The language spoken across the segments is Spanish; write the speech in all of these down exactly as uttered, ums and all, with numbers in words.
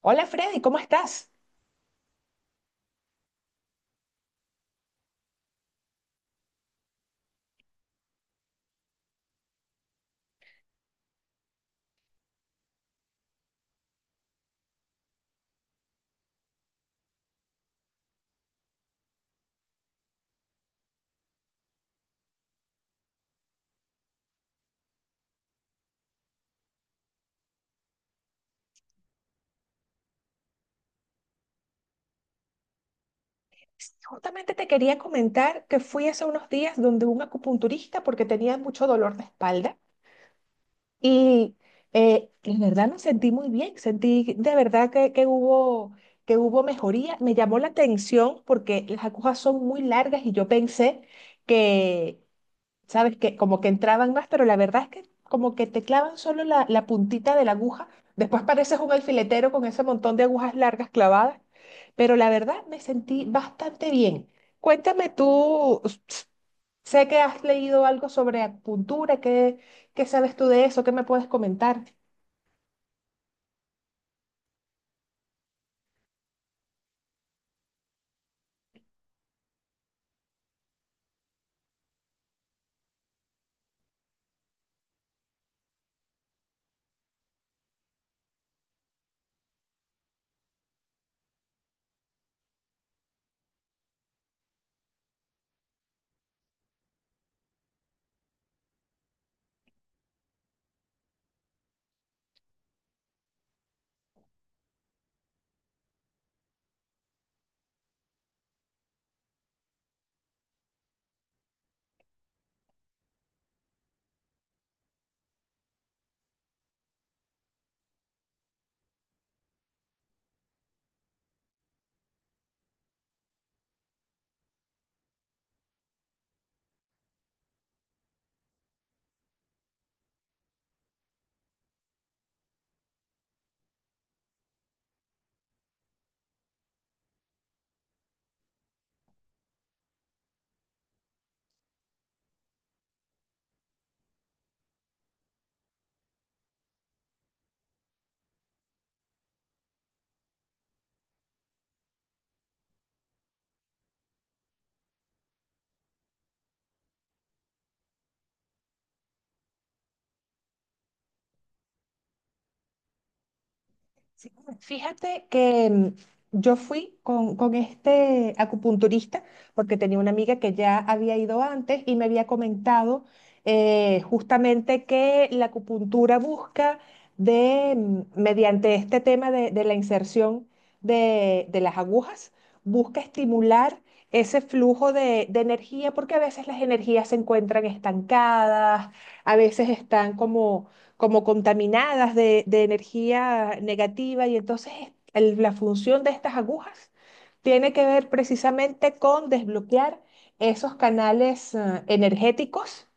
Hola Freddy, ¿cómo estás? Sí, justamente te quería comentar que fui hace unos días donde un acupunturista porque tenía mucho dolor de espalda y eh, la verdad me sentí muy bien, sentí de verdad que, que hubo, que hubo mejoría. Me llamó la atención porque las agujas son muy largas y yo pensé que, ¿sabes? Que como que entraban más, pero la verdad es que como que te clavan solo la, la puntita de la aguja. Después pareces un alfiletero con ese montón de agujas largas clavadas. Pero la verdad me sentí bastante bien. Cuéntame tú, s- s- sé que has leído algo sobre acupuntura, ¿qué, qué sabes tú de eso? ¿Qué me puedes comentar? Sí, fíjate que mm, yo fui con, con este acupunturista porque tenía una amiga que ya había ido antes y me había comentado eh, justamente que la acupuntura busca de, mm, mediante este tema de, de la inserción de, de las agujas, busca estimular ese flujo de, de energía porque a veces las energías se encuentran estancadas, a veces están como como contaminadas de, de energía negativa y entonces el- la función de estas agujas tiene que ver precisamente con desbloquear esos canales eh, energéticos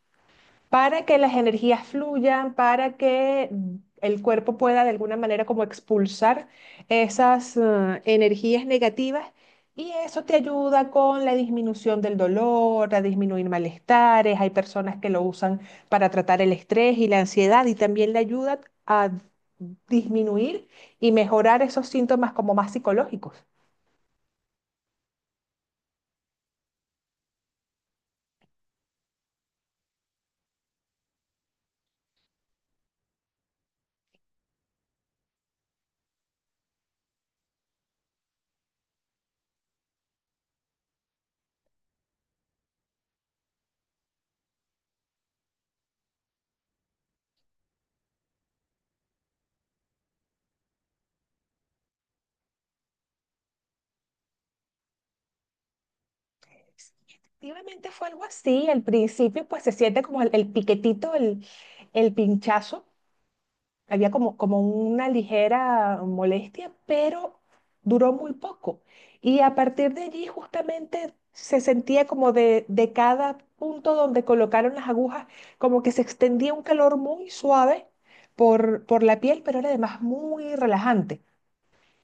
para que las energías fluyan, para que mm, el cuerpo pueda de alguna manera como expulsar esas eh, energías negativas y eso te ayuda con la disminución del dolor, a disminuir malestares. Hay personas que lo usan para tratar el estrés y la ansiedad y también le ayuda a disminuir y mejorar esos síntomas como más psicológicos. Sí, efectivamente fue algo así. Al principio, pues se siente como el, el piquetito, el, el pinchazo. Había como, como una ligera molestia, pero duró muy poco. Y a partir de allí justamente se sentía como de, de cada punto donde colocaron las agujas, como que se extendía un calor muy suave por, por la piel, pero era además muy relajante.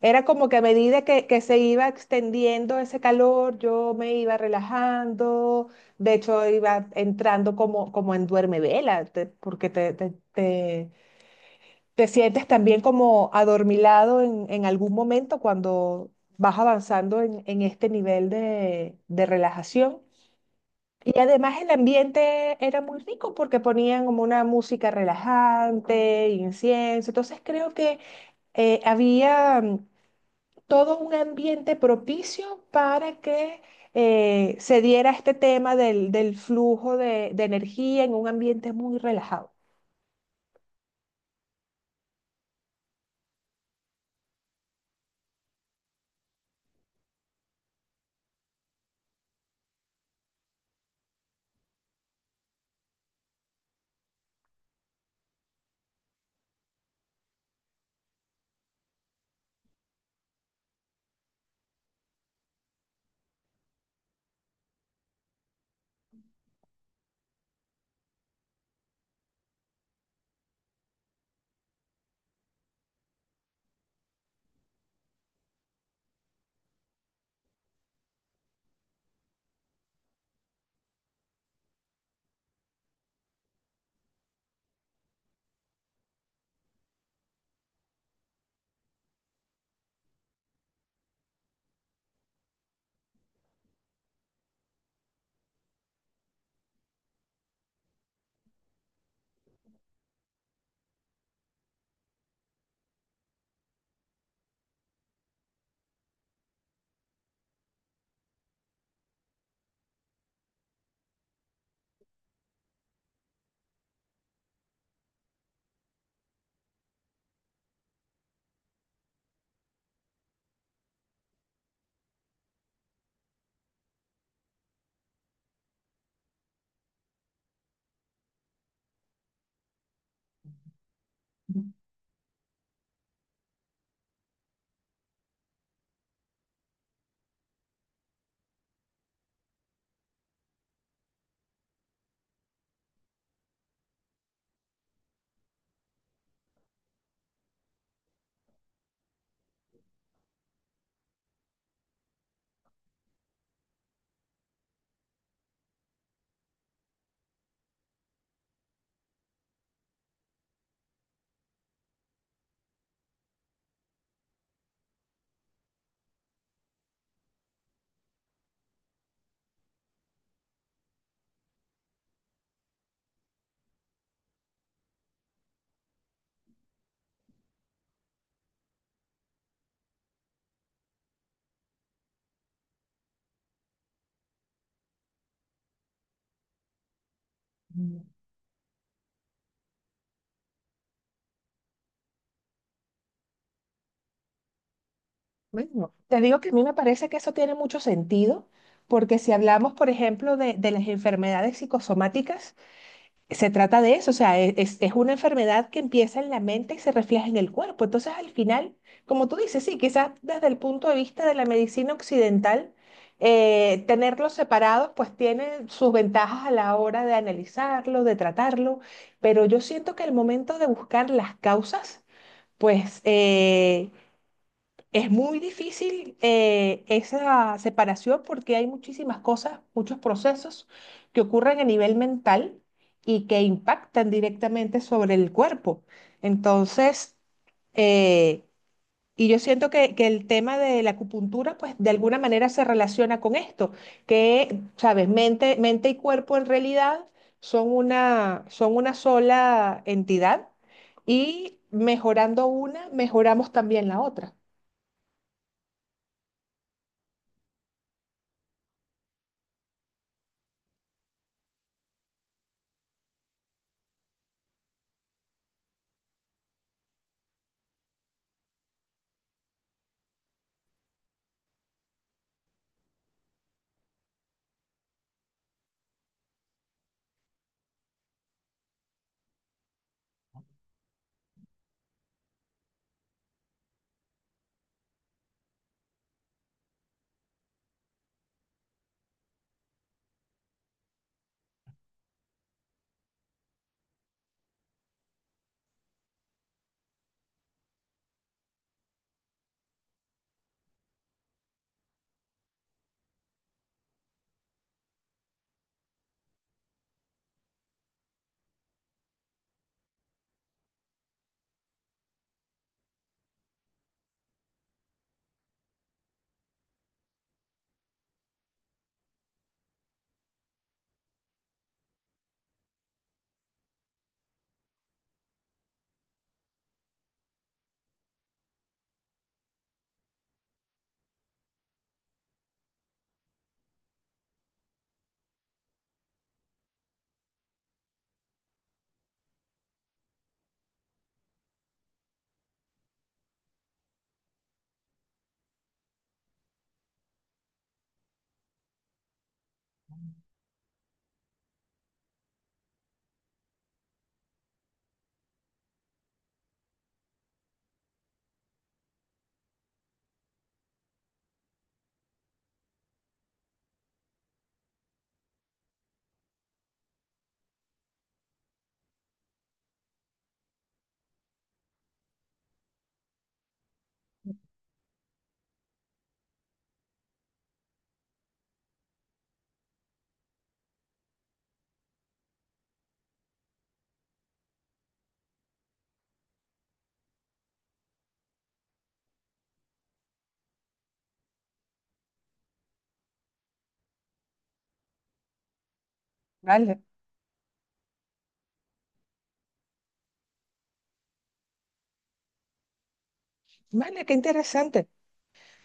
Era como que a medida que, que se iba extendiendo ese calor, yo me iba relajando, de hecho iba entrando como, como en duermevela, te- porque te, te, te- ¿te sientes también como adormilado en, en algún momento cuando vas avanzando en, en este nivel de, de relajación? Y además el ambiente era muy rico porque ponían como una música relajante, incienso. Entonces creo que eh, había mm, todo un ambiente propicio para que eh, se diera este tema del, del flujo de, de energía en un ambiente muy relajado. Ujú. Bueno, te digo que a mí me parece que eso tiene mucho sentido, porque si hablamos, por ejemplo, de, de las enfermedades psicosomáticas, se trata de eso, o sea, e- es, es una enfermedad que empieza en la mente y se refleja en el cuerpo. Entonces, al final, como tú dices, sí, quizás desde el punto de vista de la medicina occidental, eh, tenerlos separados, pues tiene sus ventajas a la hora de analizarlo, de tratarlo, pero yo siento que al momento de buscar las causas, pues... eh, es muy difícil eh, esa separación porque hay muchísimas cosas, muchos procesos que ocurren a nivel mental y que impactan directamente sobre el cuerpo. Entonces, eh, y yo siento que, que el tema de la acupuntura, pues de alguna manera se relaciona con esto, que, sabes, mente, mente y cuerpo en realidad son una, son una sola entidad y mejorando una, mejoramos también la otra. ¿Vale? Vale, qué interesante.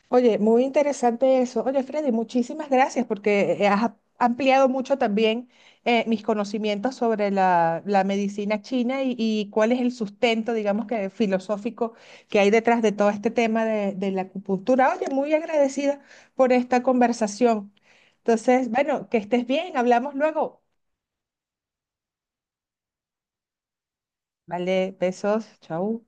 Oye, muy interesante eso. Oye, Freddy, muchísimas gracias porque has a- ampliado mucho también eh, mis conocimientos sobre la, la medicina china y, y cuál es el sustento, digamos que filosófico, que hay detrás de todo este tema de, de la acupuntura. Oye, muy agradecida por esta conversación. Entonces, bueno, que estés bien, hablamos luego. Vale, besos, chau.